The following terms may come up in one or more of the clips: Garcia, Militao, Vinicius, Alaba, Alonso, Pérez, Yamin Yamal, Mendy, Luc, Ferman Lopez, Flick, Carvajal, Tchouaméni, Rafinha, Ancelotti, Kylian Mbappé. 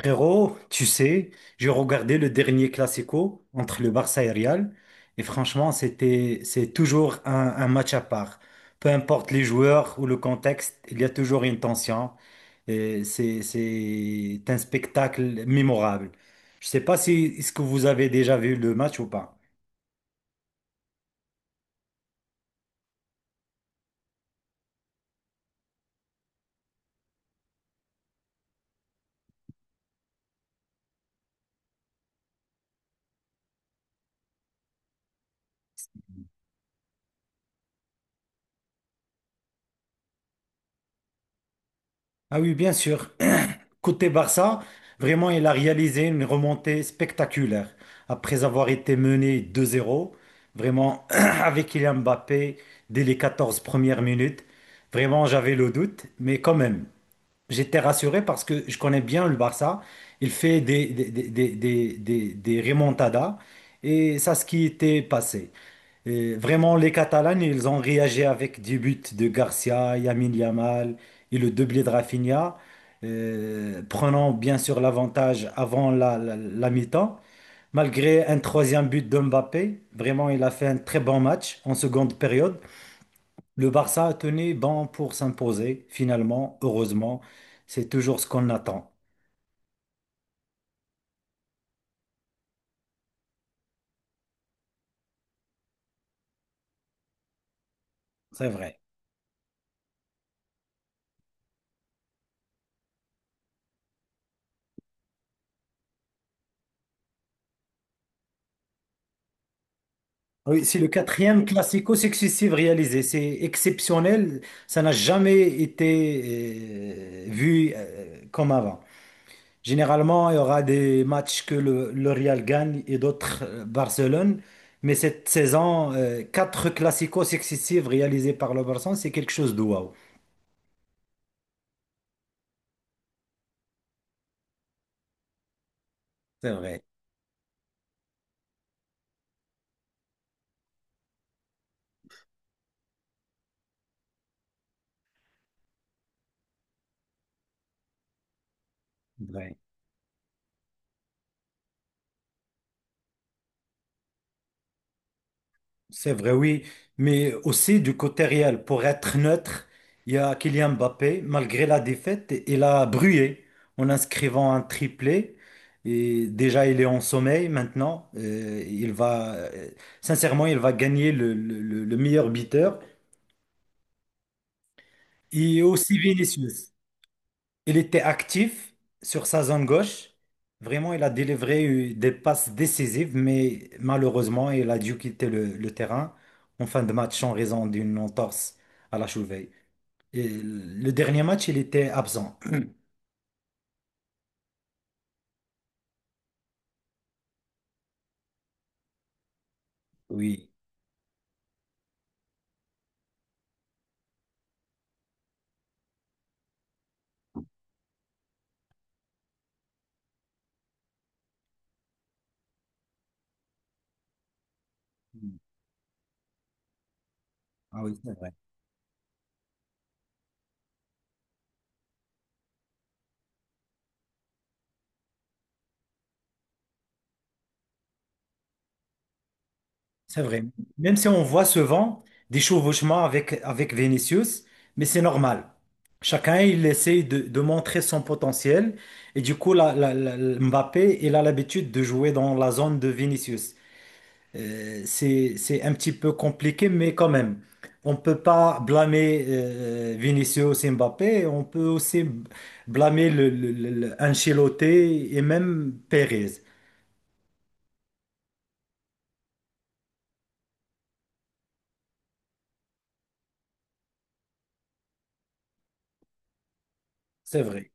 Frérot, tu sais, j'ai regardé le dernier Classico entre le Barça et Real et franchement, c'est toujours un match à part. Peu importe les joueurs ou le contexte, il y a toujours une tension et c'est un spectacle mémorable. Je sais pas si est-ce que vous avez déjà vu le match ou pas. Ah oui, bien sûr. Côté Barça, vraiment, il a réalisé une remontée spectaculaire. Après avoir été mené 2-0, vraiment, avec Kylian Mbappé, dès les 14 premières minutes, vraiment, j'avais le doute, mais quand même, j'étais rassuré parce que je connais bien le Barça. Il fait des remontadas et ça, ce qui était passé. Et vraiment, les Catalans, ils ont réagi avec des buts de Garcia, Yamin Yamal et le doublé de Rafinha, prenant bien sûr l'avantage avant la mi-temps. Malgré un troisième but de Mbappé, vraiment, il a fait un très bon match en seconde période. Le Barça a tenu bon pour s'imposer, finalement, heureusement. C'est toujours ce qu'on attend. C'est vrai. Oui, c'est le quatrième classico successif réalisé. C'est exceptionnel. Ça n'a jamais été vu comme avant. Généralement, il y aura des matchs que le Real gagne et d'autres Barcelone. Mais cette saison, quatre classicos successifs réalisés par le Barça, c'est quelque chose de waouh. C'est vrai. C'est vrai, oui, mais aussi du côté réel, pour être neutre, il y a Kylian Mbappé, malgré la défaite, il a brûlé en inscrivant un triplé. Et déjà, il est en sommeil maintenant. Il va, sincèrement, il va gagner le meilleur buteur. Et aussi Vinicius. Il était actif sur sa zone gauche. Vraiment, il a délivré des passes décisives, mais malheureusement, il a dû quitter le terrain en fin de match en raison d'une entorse à la cheville. Et le dernier match, il était absent. Oui. Ah oui, c'est vrai. C'est vrai. Même si on voit souvent des chevauchements avec Vinicius, mais c'est normal. Chacun, il essaie de montrer son potentiel. Et du coup, Mbappé, il a l'habitude de jouer dans la zone de Vinicius. C'est un petit peu compliqué, mais quand même, on ne peut pas blâmer Vinicius et Mbappé. On peut aussi blâmer Ancelotti et même Pérez. C'est vrai.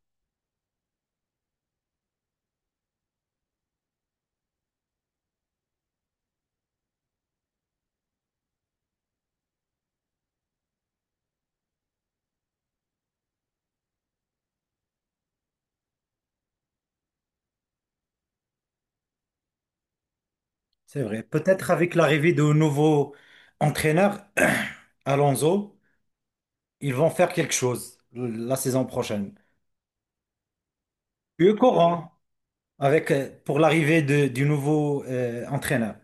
C'est vrai. Peut-être avec l'arrivée de nouveau entraîneur, Alonso, ils vont faire quelque chose la saison prochaine. Eux courant avec pour l'arrivée du nouveau entraîneur.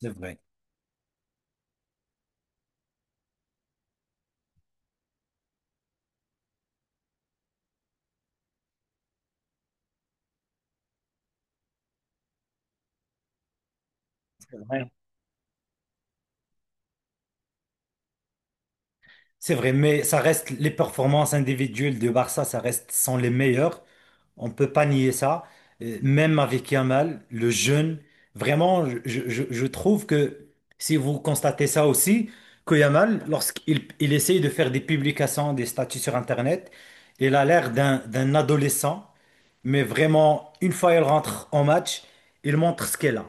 C'est vrai. C'est vrai, mais ça reste les performances individuelles de Barça, ça reste sont les meilleures. On peut pas nier ça. Même avec Yamal, le jeune, vraiment, je trouve que si vous constatez ça aussi, que Yamal, lorsqu'il il essaye de faire des publications, des statuts sur Internet, il a l'air d'un adolescent. Mais vraiment, une fois elle rentre en match, elle montre ce qu'elle a.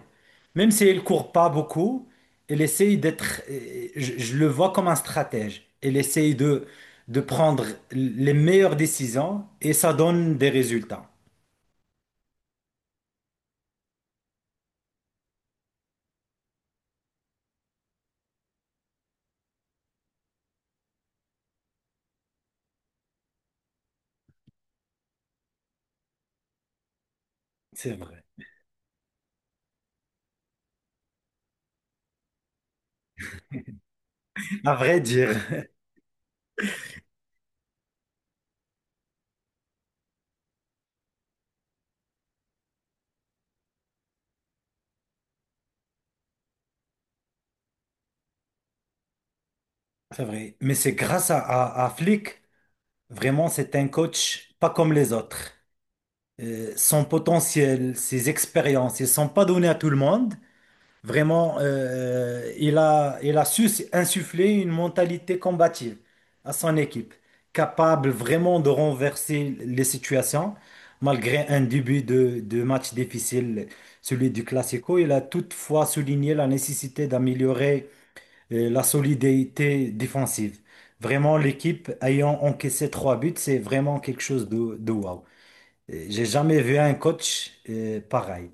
Même si elle court pas beaucoup, elle essaye d'être, je le vois comme un stratège. Elle essaye de prendre les meilleures décisions et ça donne des résultats. C'est vrai. À vrai dire, c'est vrai. Mais c'est grâce à Flick, vraiment, c'est un coach pas comme les autres. Son potentiel, ses expériences, ils ne sont pas donnés à tout le monde. Vraiment, il a su insuffler une mentalité combative à son équipe, capable vraiment de renverser les situations. Malgré un début de match difficile, celui du Classico, il a toutefois souligné la nécessité d'améliorer la solidité défensive. Vraiment, l'équipe ayant encaissé trois buts, c'est vraiment quelque chose de wow. J'ai jamais vu un coach pareil.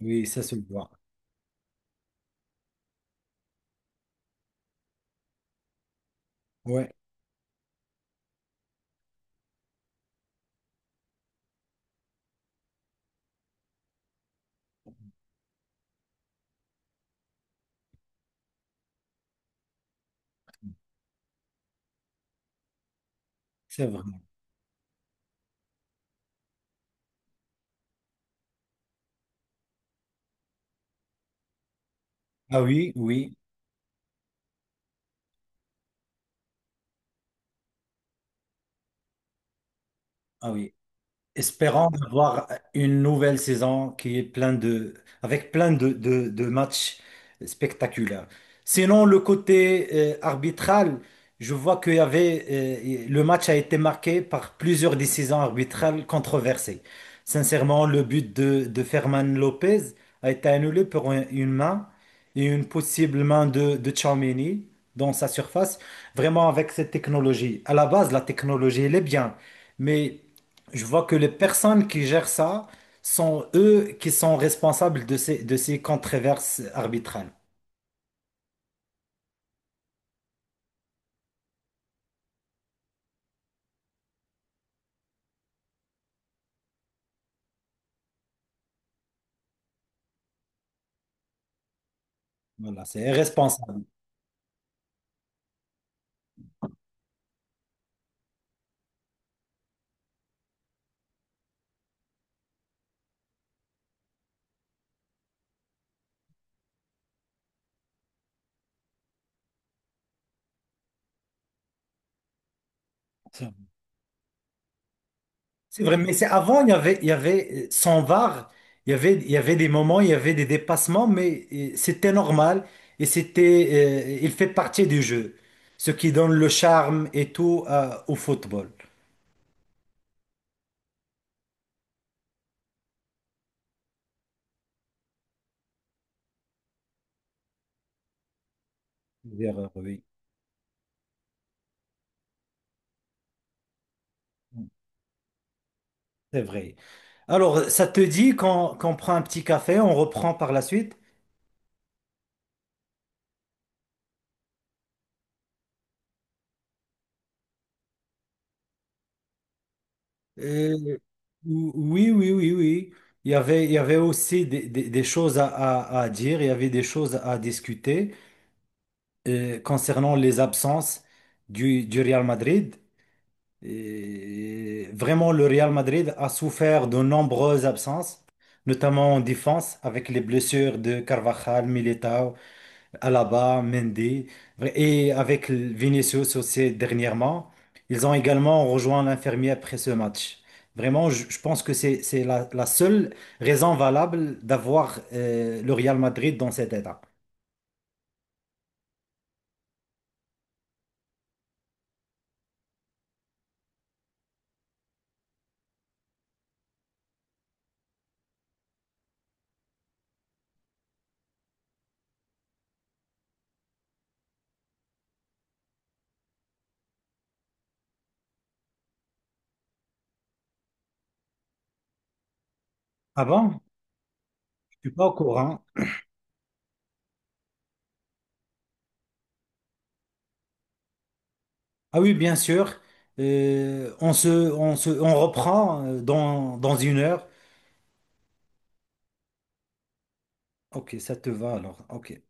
Oui, ça se voit. Ouais, c'est vrai. Ah oui, oui, ah oui. Espérons avoir une nouvelle saison qui est plein de, avec plein de matchs spectaculaires. Sinon, le côté arbitral, je vois qu'il y avait, le match a été marqué par plusieurs décisions arbitrales controversées. Sincèrement, le but de Ferman Lopez a été annulé pour une main et une possible main de Tchouaméni dans sa surface. Vraiment, avec cette technologie. À la base, la technologie, elle est bien, mais je vois que les personnes qui gèrent ça sont eux qui sont responsables de de ces controverses arbitrales. Voilà, c'est irresponsable. C'est vrai, mais c'est avant, sans VAR, il y avait des moments, il y avait des dépassements, mais c'était normal et c'était, il fait partie du jeu, ce qui donne le charme et tout au football. Oui, c'est vrai. Alors, ça te dit qu'on prend un petit café, on reprend par la suite? Euh, ou- oui, oui, oui, oui. Il y avait aussi des, des choses à, à dire, il y avait des choses à discuter concernant les absences du Real Madrid. Et vraiment, le Real Madrid a souffert de nombreuses absences, notamment en défense, avec les blessures de Carvajal, Militao. Alaba, Mendy, et avec Vinicius aussi dernièrement, ils ont également rejoint l'infirmier après ce match. Vraiment, je pense que c'est la seule raison valable d'avoir le Real Madrid dans cet état. Avant, je suis pas au courant. Ah oui, bien sûr. On se, on reprend dans, dans une heure. Ok, ça te va alors. Ok.